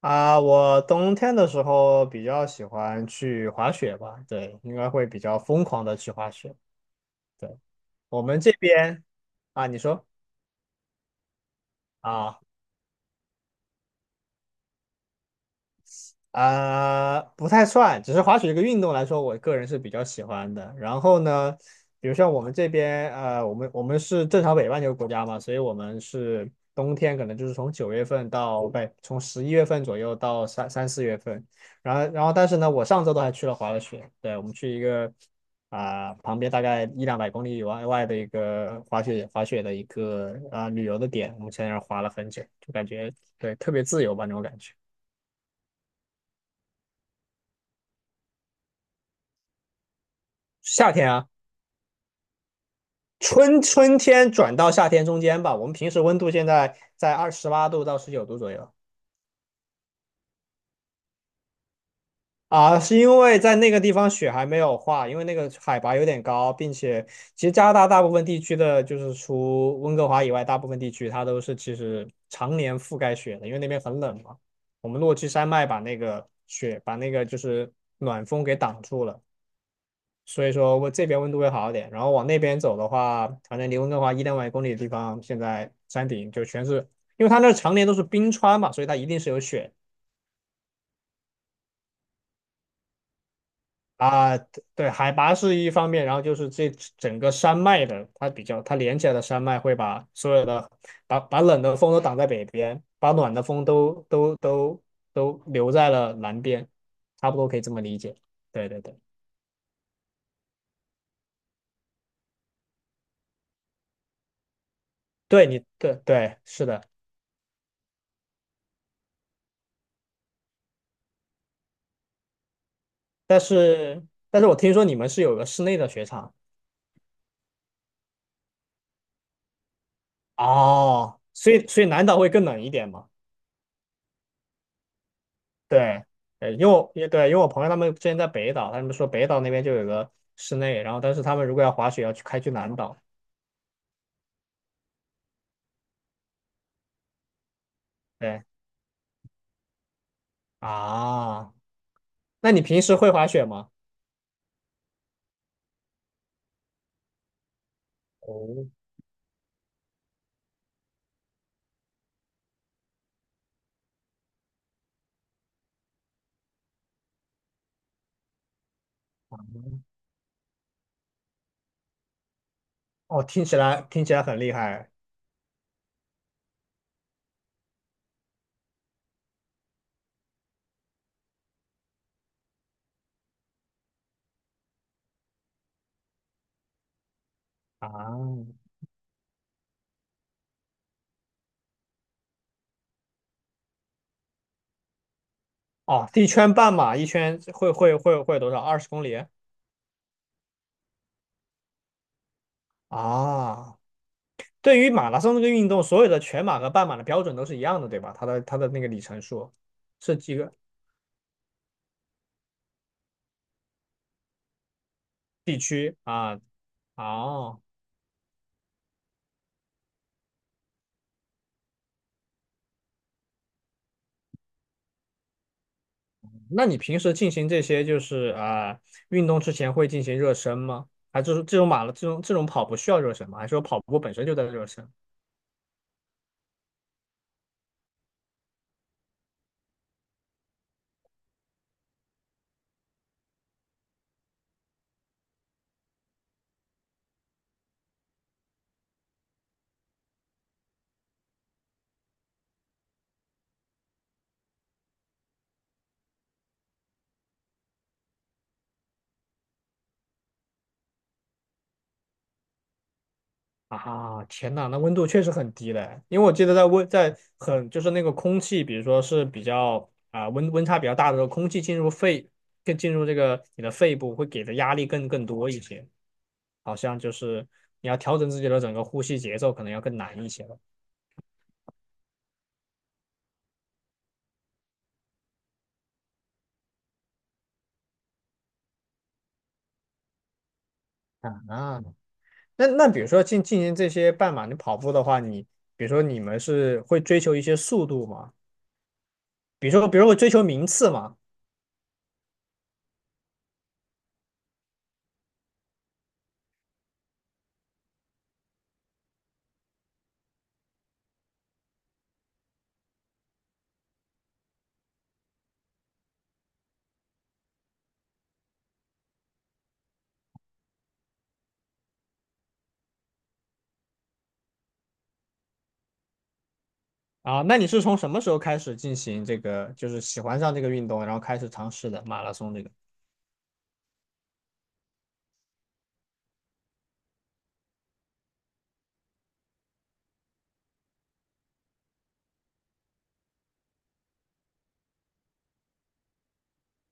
啊，我冬天的时候比较喜欢去滑雪吧，对，应该会比较疯狂的去滑雪。对，我们这边啊，你说啊。不太算，只是滑雪这个运动来说，我个人是比较喜欢的。然后呢，比如像我们这边，我们是正常北半球国家嘛，所以我们是冬天可能就是从9月份到不对，从11月份左右到三四月份。然后但是呢，我上周都还去了滑了雪，对，我们去一个旁边大概一两百公里以外的一个滑雪的一个旅游的点，我们在那儿滑了很久，就感觉对，特别自由吧那种感觉。夏天啊。春天转到夏天中间吧，我们平时温度现在在28度到19度左右。啊，是因为在那个地方雪还没有化，因为那个海拔有点高，并且其实加拿大大部分地区的，就是除温哥华以外，大部分地区它都是其实常年覆盖雪的，因为那边很冷嘛。我们落基山脉把那个雪，把那个就是暖风给挡住了。所以说我这边温度会好一点。然后往那边走的话，反正离温哥华一两百公里的地方，现在山顶就全是，因为它那常年都是冰川嘛，所以它一定是有雪啊。对，海拔是一方面，然后就是这整个山脉的，它比较它连起来的山脉会把所有的把冷的风都挡在北边，把暖的风都留在了南边，差不多可以这么理解。对对对，对你对对是的，但是但是我听说你们是有个室内的雪场。哦，所以南岛会更冷一点嘛？对，对，因为我也对，因为我朋友他们之前在北岛，他们说北岛那边就有个室内，然后但是他们如果要滑雪，要去开去南岛。对啊，那你平时会滑雪吗？哦，哦，听起来很厉害啊！哦，一圈半马，一圈会多少？20公里啊？对于马拉松这个运动，所有的全马和半马的标准都是一样的，对吧？它的那个里程数是几个？地区啊。哦，那你平时进行这些就是运动之前会进行热身吗？还是这种马拉这种这种跑步需要热身吗？还是说跑步本身就在热身？啊，天呐，那温度确实很低嘞，因为我记得在温在很就是那个空气，比如说是比较温差比较大的时候，空气进入肺，更进入这个你的肺部会给的压力更多一些，好像就是你要调整自己的整个呼吸节奏，可能要更难一些了。啊，那比如说进行这些半马你跑步的话，你比如说你们是会追求一些速度吗？比如说会追求名次吗？啊，那你是从什么时候开始进行这个，就是喜欢上这个运动，然后开始尝试的马拉松这个？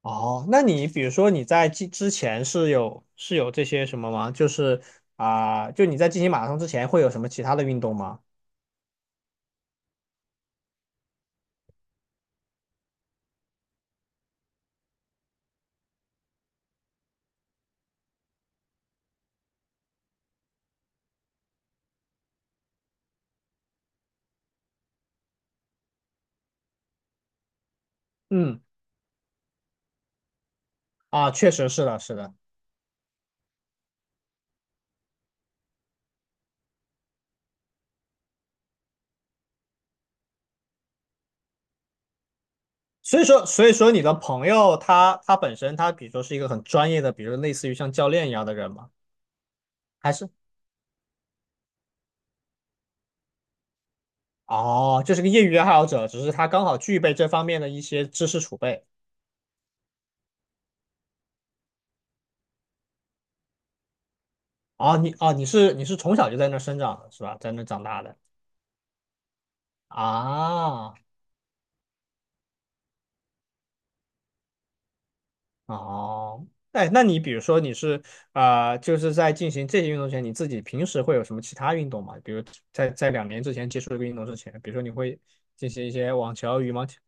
哦，那你比如说你在之前是有这些什么吗？就是就你在进行马拉松之前会有什么其他的运动吗？嗯，啊，确实是的，是的。所以说你的朋友他本身他比如说是一个很专业的，比如类似于像教练一样的人嘛。还是哦，就是个业余爱好者，只是他刚好具备这方面的一些知识储备。哦,你是从小就在那儿生长的是吧？在那儿长大的啊，哦，哎，那你比如说你是就是在进行这些运动前，你自己平时会有什么其他运动吗？比如在2年之前接触这个运动之前，比如说你会进行一些网球、羽毛球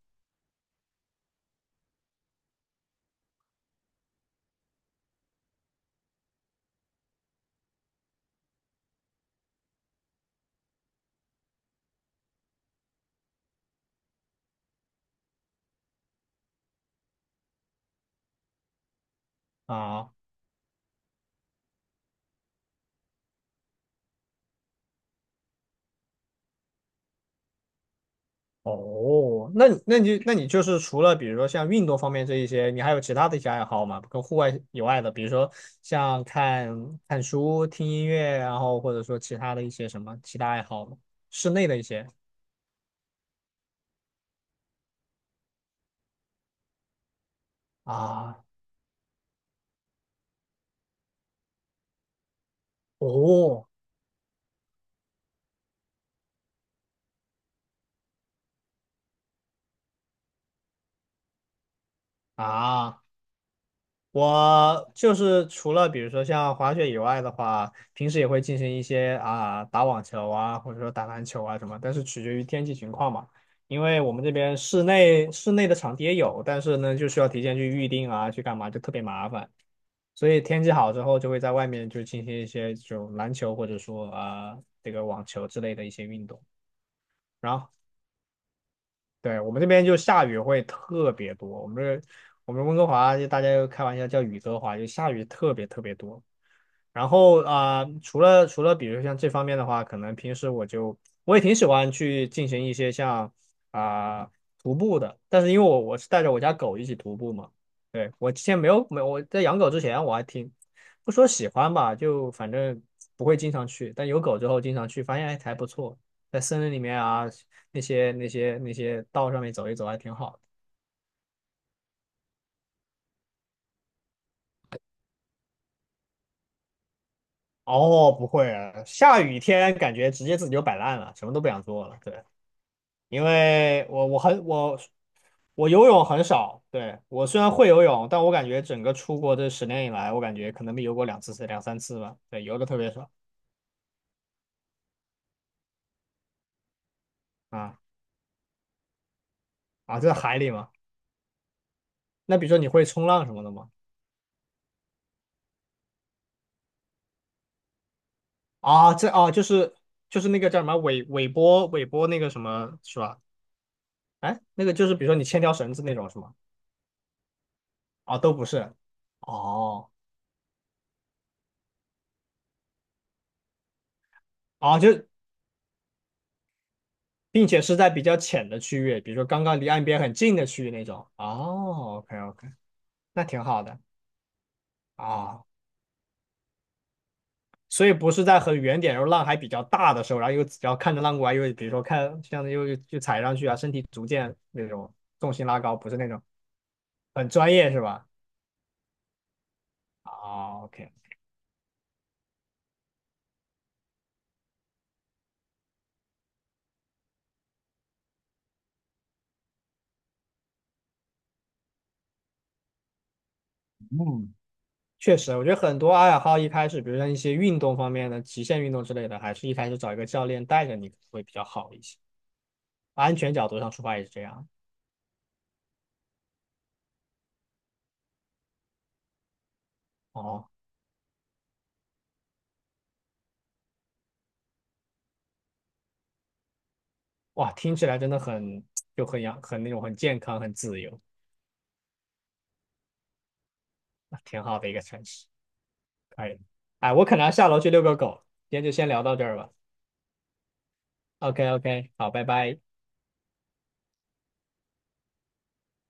啊。哦，那你就是除了比如说像运动方面这一些，你还有其他的一些爱好吗？跟户外以外的，比如说像看看书、听音乐，然后或者说其他的一些什么其他爱好吗？室内的一些啊，哦啊。我就是除了比如说像滑雪以外的话，平时也会进行一些啊打网球啊，或者说打篮球啊什么，但是取决于天气情况嘛。因为我们这边室内的场地也有，但是呢就需要提前去预定啊，去干嘛就特别麻烦。所以天气好之后，就会在外面就进行一些这种篮球或者说这个网球之类的一些运动。然后对，我们这边就下雨会特别多，我们温哥华就大家就开玩笑叫雨哥华，就下雨特别特别多。然后除了比如像这方面的话，可能平时我就我也挺喜欢去进行一些像啊、徒步的，但是因为我我是带着我家狗一起徒步嘛，对，我之前没有我在养狗之前我还挺不说喜欢吧，就反正不会经常去，但有狗之后经常去，发现哎还不错，在森林里面啊那些道上面走一走还挺好的。哦，不会啊，下雨天感觉直接自己就摆烂了，什么都不想做了，对。因为我游泳很少，对，我虽然会游泳，但我感觉整个出国这10年以来，我感觉可能没游过两次两三次吧，对，游的特别少啊啊,这海里嘛。那比如说你会冲浪什么的吗？啊，这啊就是那个叫什么尾波那个什么是吧？哎，那个就是比如说你牵条绳子那种是吗？啊，都不是。哦，哦，就并且是在比较浅的区域，比如说刚刚离岸边很近的区域那种。哦，OK OK,那挺好的。啊，所以不是在很远点，然后浪还比较大的时候，然后又只要看着浪过来，又比如说看像又踩上去啊，身体逐渐那种重心拉高，不是那种很专业是吧？啊，OK,嗯，确实，我觉得很多爱好一开始，比如像一些运动方面的极限运动之类的，还是一开始找一个教练带着你会比较好一些，安全角度上出发也是这样。哦，哇，听起来真的很就很阳很那种很健康很自由，挺好的一个城市。可以。哎，我可能要下楼去遛个狗，今天就先聊到这儿吧。OK OK,好，拜拜。